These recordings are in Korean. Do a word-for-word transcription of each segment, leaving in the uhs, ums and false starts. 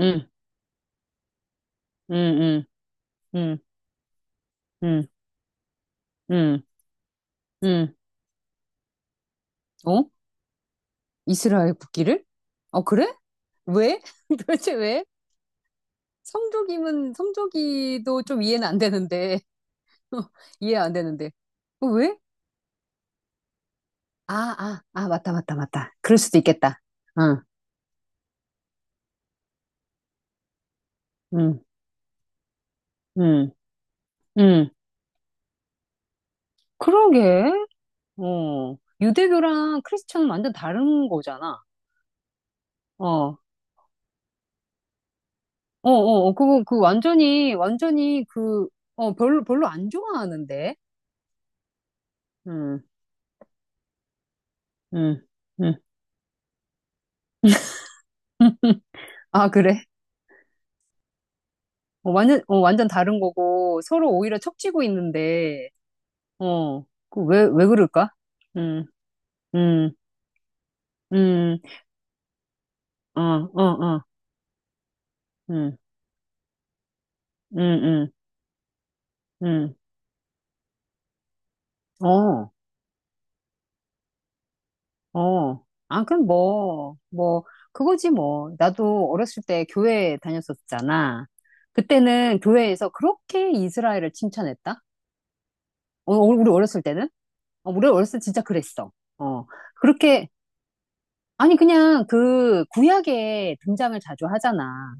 응, 응, 응, 응, 응, 응, 응. 어? 이스라엘 국기를? 어, 그래? 왜? 도대체 왜? 성조기면, 성조기도 좀 이해는 안 되는데. 이해 안 되는데. 어, 왜? 아, 아, 아, 맞다, 맞다, 맞다. 그럴 수도 있겠다. 응, 응, 응, 응. 그러게. 어. 유대교랑 크리스천은 완전 다른 거잖아. 어, 어, 어, 어. 그거, 그 완전히, 완전히 그, 어, 별로, 별로 안 좋아하는데. 응. 응, 응. 아, 그래? 어, 완전, 어, 완전 다른 거고, 서로 오히려 척지고 있는데, 어, 그 왜, 왜 그럴까? 응, 응, 응, 어, 어, 어, 응, 응, 응, 응, 어, 어. 아, 그럼 뭐, 뭐, 그거지 뭐. 나도 어렸을 때 교회 다녔었잖아. 그때는 교회에서 그렇게 이스라엘을 칭찬했다? 어, 우리 어렸을 때는? 어, 우리 어렸을 때 진짜 그랬어. 어, 그렇게, 아니, 그냥 그 구약에 등장을 자주 하잖아.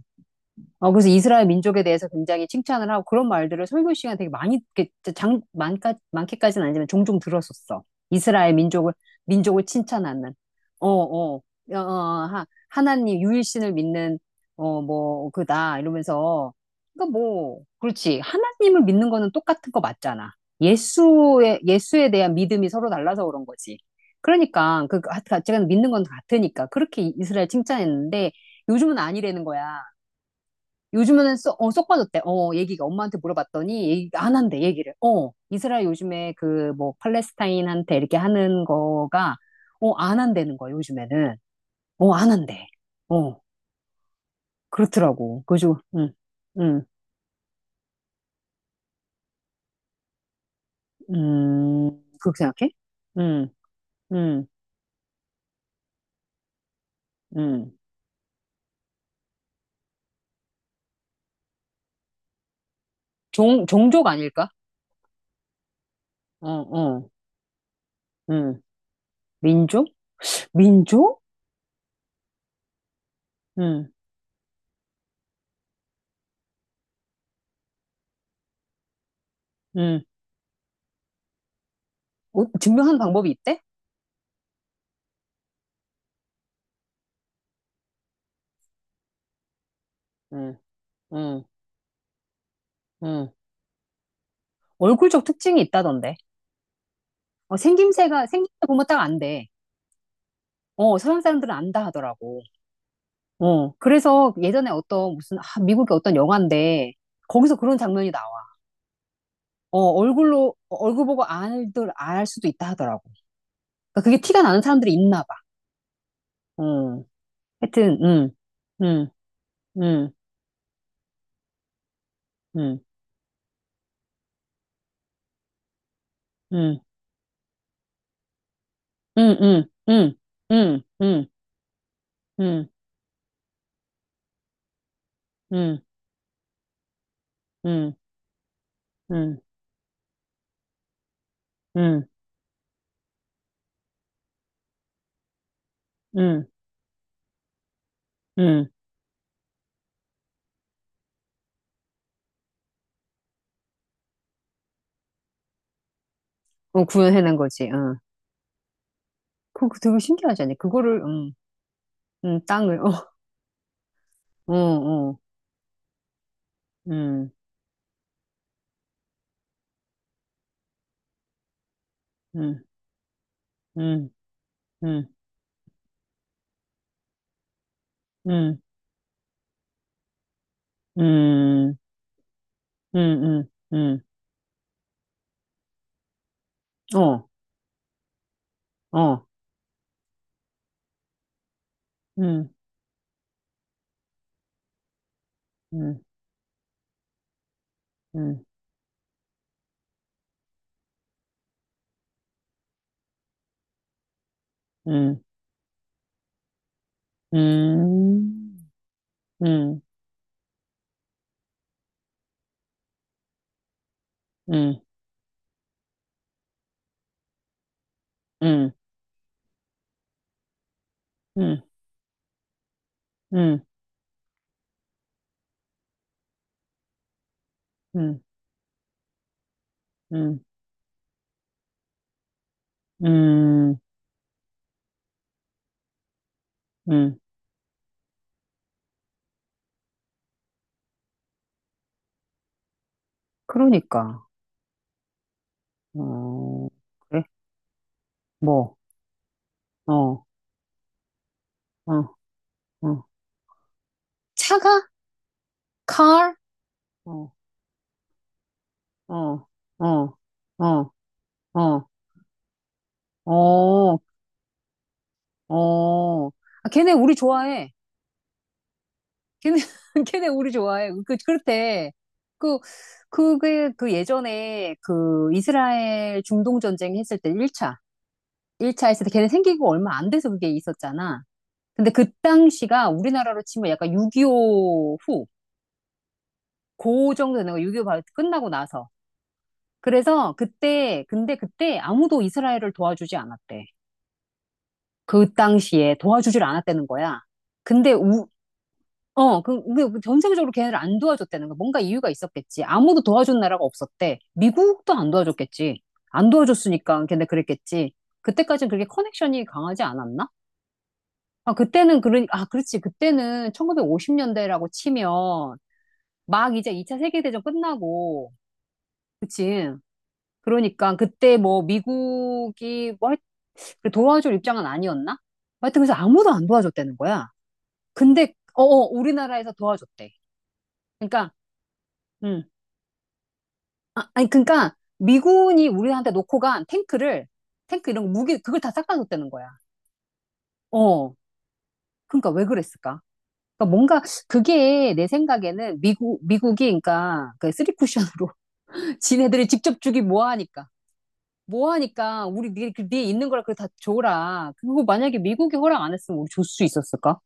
어, 그래서 이스라엘 민족에 대해서 굉장히 칭찬을 하고 그런 말들을 설교 시간 되게 많이, 이렇게 장, 많까, 많게까지는 아니지만 종종 들었었어. 이스라엘 민족을, 민족을 칭찬하는. 어, 어, 어, 어, 하, 하나님, 유일신을 믿는, 어, 뭐, 그다, 이러면서. 그러니까 뭐, 그렇지. 하나님을 믿는 거는 똑같은 거 맞잖아. 예수에, 예수에 대한 믿음이 서로 달라서 그런 거지. 그러니까, 그, 가- 제가 믿는 건 같으니까. 그렇게 이스라엘 칭찬했는데, 요즘은 아니라는 거야. 요즘에는 쏙, 어, 쏙 빠졌대. 어, 얘기가 엄마한테 물어봤더니 얘기 안 한대, 얘기를. 어, 이스라엘 요즘에 그 뭐 팔레스타인한테 이렇게 하는 거가 어, 안 한다는 거야, 요즘에는. 어, 안 한대. 어, 그렇더라고. 그래서 음, 음, 음, 그렇게 생각해? 음, 음, 음. 종, 종족 아닐까? 어, 어, 음. 민족? 민족? 음, 음. 어, 증명하는 방법이 있대? 음, 음, 음. 얼굴적 특징이 있다던데. 어, 생김새가, 생김새 보면 딱 안 돼. 어, 서양 사람들은 안다 하더라고. 어, 그래서 예전에 어떤 무슨, 아, 미국의 어떤 영화인데, 거기서 그런 장면이 나와. 어, 얼굴로, 어, 얼굴 보고 알들, 알 수도 있다 하더라고. 그러니까 그게 티가 나는 사람들이 있나 봐. 어, 하여튼, 음, 음, 음, 음, 음, 음, 음, 음, 음, 음, 음, 음, 음, 음, 음, 음, 음, 어, 구현해낸 거지, 응. 그거 되게 신기하지 않냐? 그거를, 음, 음, 땅을, 어. 응, 응, 응, 응, 응, 응, 응, 응, 응, 응, 응, 어, 어, 응, 응, 응, 응, 응, 응, 응, 응, 응, 응, 응, 응, 응, 응. 그러니까, 어, 그래? 뭐, 어, 어, 어. 차가? car? 어, 어, 어, 어, 어, 어, 어. 아, 걔네 우리 좋아해. 걔네, 걔네 우리 좋아해. 그, 그렇대. 그, 그게, 그 예전에 그 이스라엘 중동 전쟁 했을 때 일 차. 일차 했을 때 걔네 생기고 얼마 안 돼서 그게 있었잖아. 근데 그 당시가 우리나라로 치면 약간 육이오 후, 그 정도 되는 거, 육이오 바로 끝나고 나서. 그래서 그때, 근데 그때 아무도 이스라엘을 도와주지 않았대. 그 당시에 도와주질 않았다는 거야. 근데 우- 어, 그, 그, 전세계적으로 걔네를 안 도와줬다는 거. 뭔가 이유가 있었겠지. 아무도 도와준 나라가 없었대. 미국도 안 도와줬겠지. 안 도와줬으니까 걔네 그랬겠지. 그때까지는 그렇게 커넥션이 강하지 않았나? 아, 그때는, 그러, 아, 그렇지. 그때는 천구백오십 년대라고 치면 막 이제 이 차 세계대전 끝나고, 그치. 그러니까 그때 뭐 미국이 뭐 하여- 그 도와줄 입장은 아니었나? 하여튼 그래서 아무도 안 도와줬다는 거야. 근데, 어, 어, 우리나라에서 도와줬대. 그러니까, 음. 아, 아니, 그러니까 미군이 우리한테 놓고 간 탱크를, 탱크 이런 거, 무기, 그걸 다 싹다 줬다는 거야. 어. 그러니까 왜 그랬을까? 그러니까 뭔가 그게 내 생각에는 미국, 미국이 그러니까 그 쓰리쿠션으로 지네들이 직접 주기 뭐하니까. 뭐하니까 우리 네, 그 뒤에 있는 거라 그걸 다 줘라. 그거 만약에 미국이 허락 안 했으면 우리 줄 수 있었을까?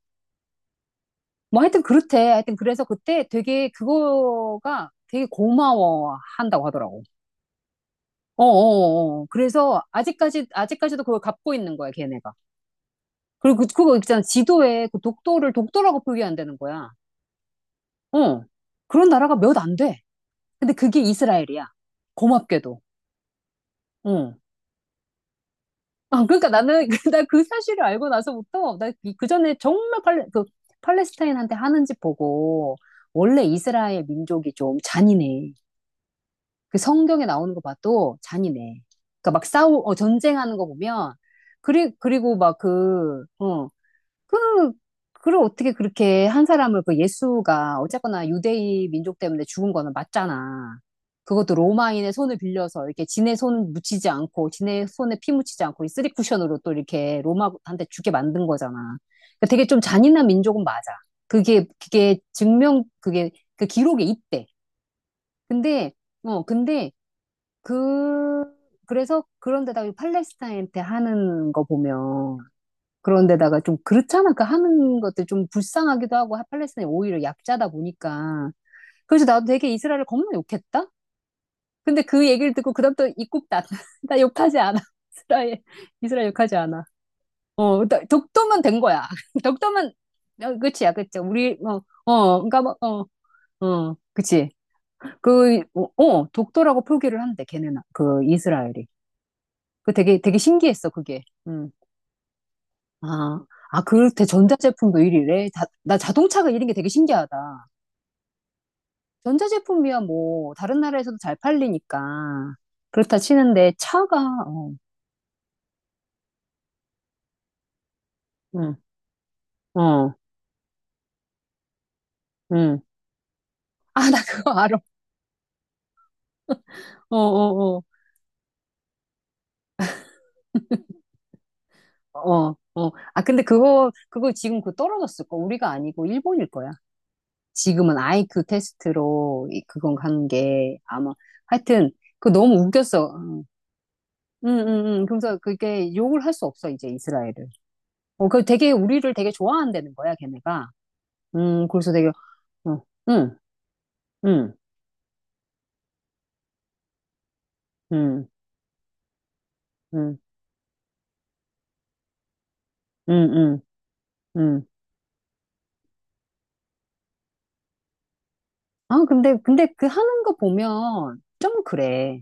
뭐 하여튼 그렇대. 하여튼 그래서 그때 되게 그거가 되게 고마워한다고 하더라고. 어어어. 그래서 아직까지, 아직까지도 그걸 갚고 있는 거야, 걔네가. 그리고 그, 그거 있잖아. 지도에 그 독도를 독도라고 표기한다는 거야. 어. 그런 나라가 몇 안 돼. 근데 그게 이스라엘이야. 고맙게도. 어. 아, 그러니까 나는, 나 그 사실을 알고 나서부터, 나 그 전에 정말 팔레, 그, 팔레스타인한테 하는 짓 보고, 원래 이스라엘 민족이 좀 잔인해. 그 성경에 나오는 거 봐도 잔인해. 그러니까 막 싸우, 어, 전쟁하는 거 보면, 그리, 그리고 막 그, 어, 그, 그걸 어떻게 그렇게 한 사람을 그 예수가 어쨌거나 유대인 민족 때문에 죽은 거는 맞잖아. 그것도 로마인의 손을 빌려서 이렇게 지네 손 묻히지 않고 지네 손에 피 묻히지 않고 이 쓰리 쿠션으로 또 이렇게 로마한테 주게 만든 거잖아. 그러니까 되게 좀 잔인한 민족은 맞아. 그게 그게 증명 그게 그 기록에 있대. 근데 어 근데 그 그래서 그런데다가 이 팔레스타인한테 하는 거 보면 그런데다가 좀 그렇잖아. 그 하는 것들 좀 불쌍하기도 하고 팔레스타인이 오히려 약자다 보니까. 그래서 나도 되게 이스라엘을 겁나 욕했다. 근데 그 얘기를 듣고 그다음부터 입국 나, 나 욕하지 않아. 이스라엘, 이스라엘 욕하지 않아. 어, 나- 독도만 된 거야. 독도만, 어, 그치야, 그치. 우리, 어, 어, 그니까 뭐, 어, 어, 그치. 그, 어, 어, 독도라고 표기를 한대, 걔네는. 그 이스라엘이. 그 되게, 되게 신기했어, 그게. 음. 아, 아, 그렇대. 전자제품도 이위래 다, 나 자동차가 이위인 게 되게 신기하다. 전자제품이야, 뭐, 다른 나라에서도 잘 팔리니까. 그렇다 치는데, 차가, 어, 응, 어, 응. 아, 나 그거 알아. 어, 어, 어, 어, 어. 아, 근데 그거, 그거 지금 그 떨어졌을 거. 우리가 아니고 일본일 거야. 지금은 아이큐 테스트로 이- 그건 간 게, 아마. 하여튼, 그거 너무 웃겼어. 응, 응, 응. 그래서 그게 욕을 할 수 없어, 이제 이스라엘을. 어, 그 되게 우리를 되게 좋아한다는 거야, 걔네가. 음, 그래서 되게, 어, 응, 응, 응, 응, 응, 응, 응. 아, 근데, 근데 그 하는 거 보면 좀 그래.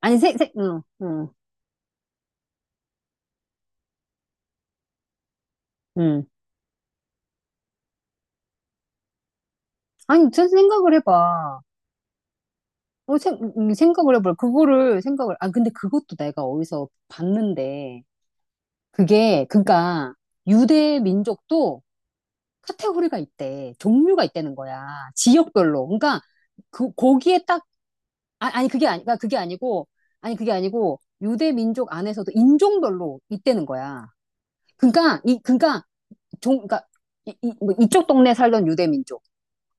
아니, 세, 세, 응, 응, 응. 아니, 저 생각을 해봐. 어, 생, 음, 생각을 해봐. 그거를 생각을, 아, 근데 그것도 내가 어디서 봤는데, 그게, 그니까, 유대 민족도 카테고리가 있대. 종류가 있다는 거야. 지역별로. 그러니까, 그, 거기에 딱 아, 아니 그게 아니 그러니까 그게 아니고 아니 그게 아니고 유대 민족 안에서도 인종별로 있다는 거야. 그러니까 이 그러니까 종 그러니까 이, 이, 뭐 이쪽 동네 살던 유대 민족,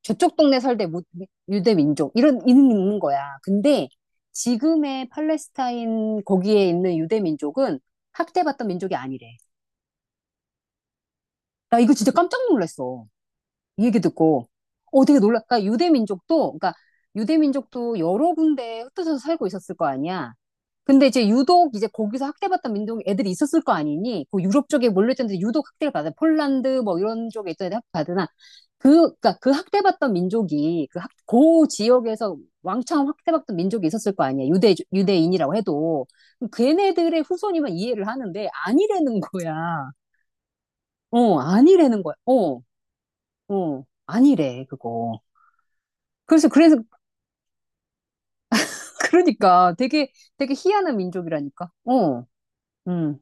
저쪽 동네 살던 무- 유대 민족 이런 이는 있는 거야. 근데 지금의 팔레스타인 거기에 있는 유대 민족은 학대받던 민족이 아니래. 나 이거 진짜 깜짝 놀랐어. 이 얘기 듣고 어 되게 놀랄까 유대 민족도 그러니까 유대 민족도 여러 군데 흩어져서 살고 있었을 거 아니야. 근데 이제 유독 이제 거기서 학대받던 민족 애들이 있었을 거 아니니 그 유럽 쪽에 몰려있던데 유독 학대를 받아 폴란드 뭐 이런 쪽에 있던 애들 학대받으나 그 그러니까 그 학대받던 민족이 그 학, 그 지역에서 왕창 학대받던 민족이 있었을 거 아니야 유대 유대인이라고 해도 걔네들의 후손이면 이해를 하는데 아니라는 거야 어 아니라는 거야 어 어, 아니래 그거 그래서 그래서 그러니까 되게 되게 희한한 민족이라니까 어 음.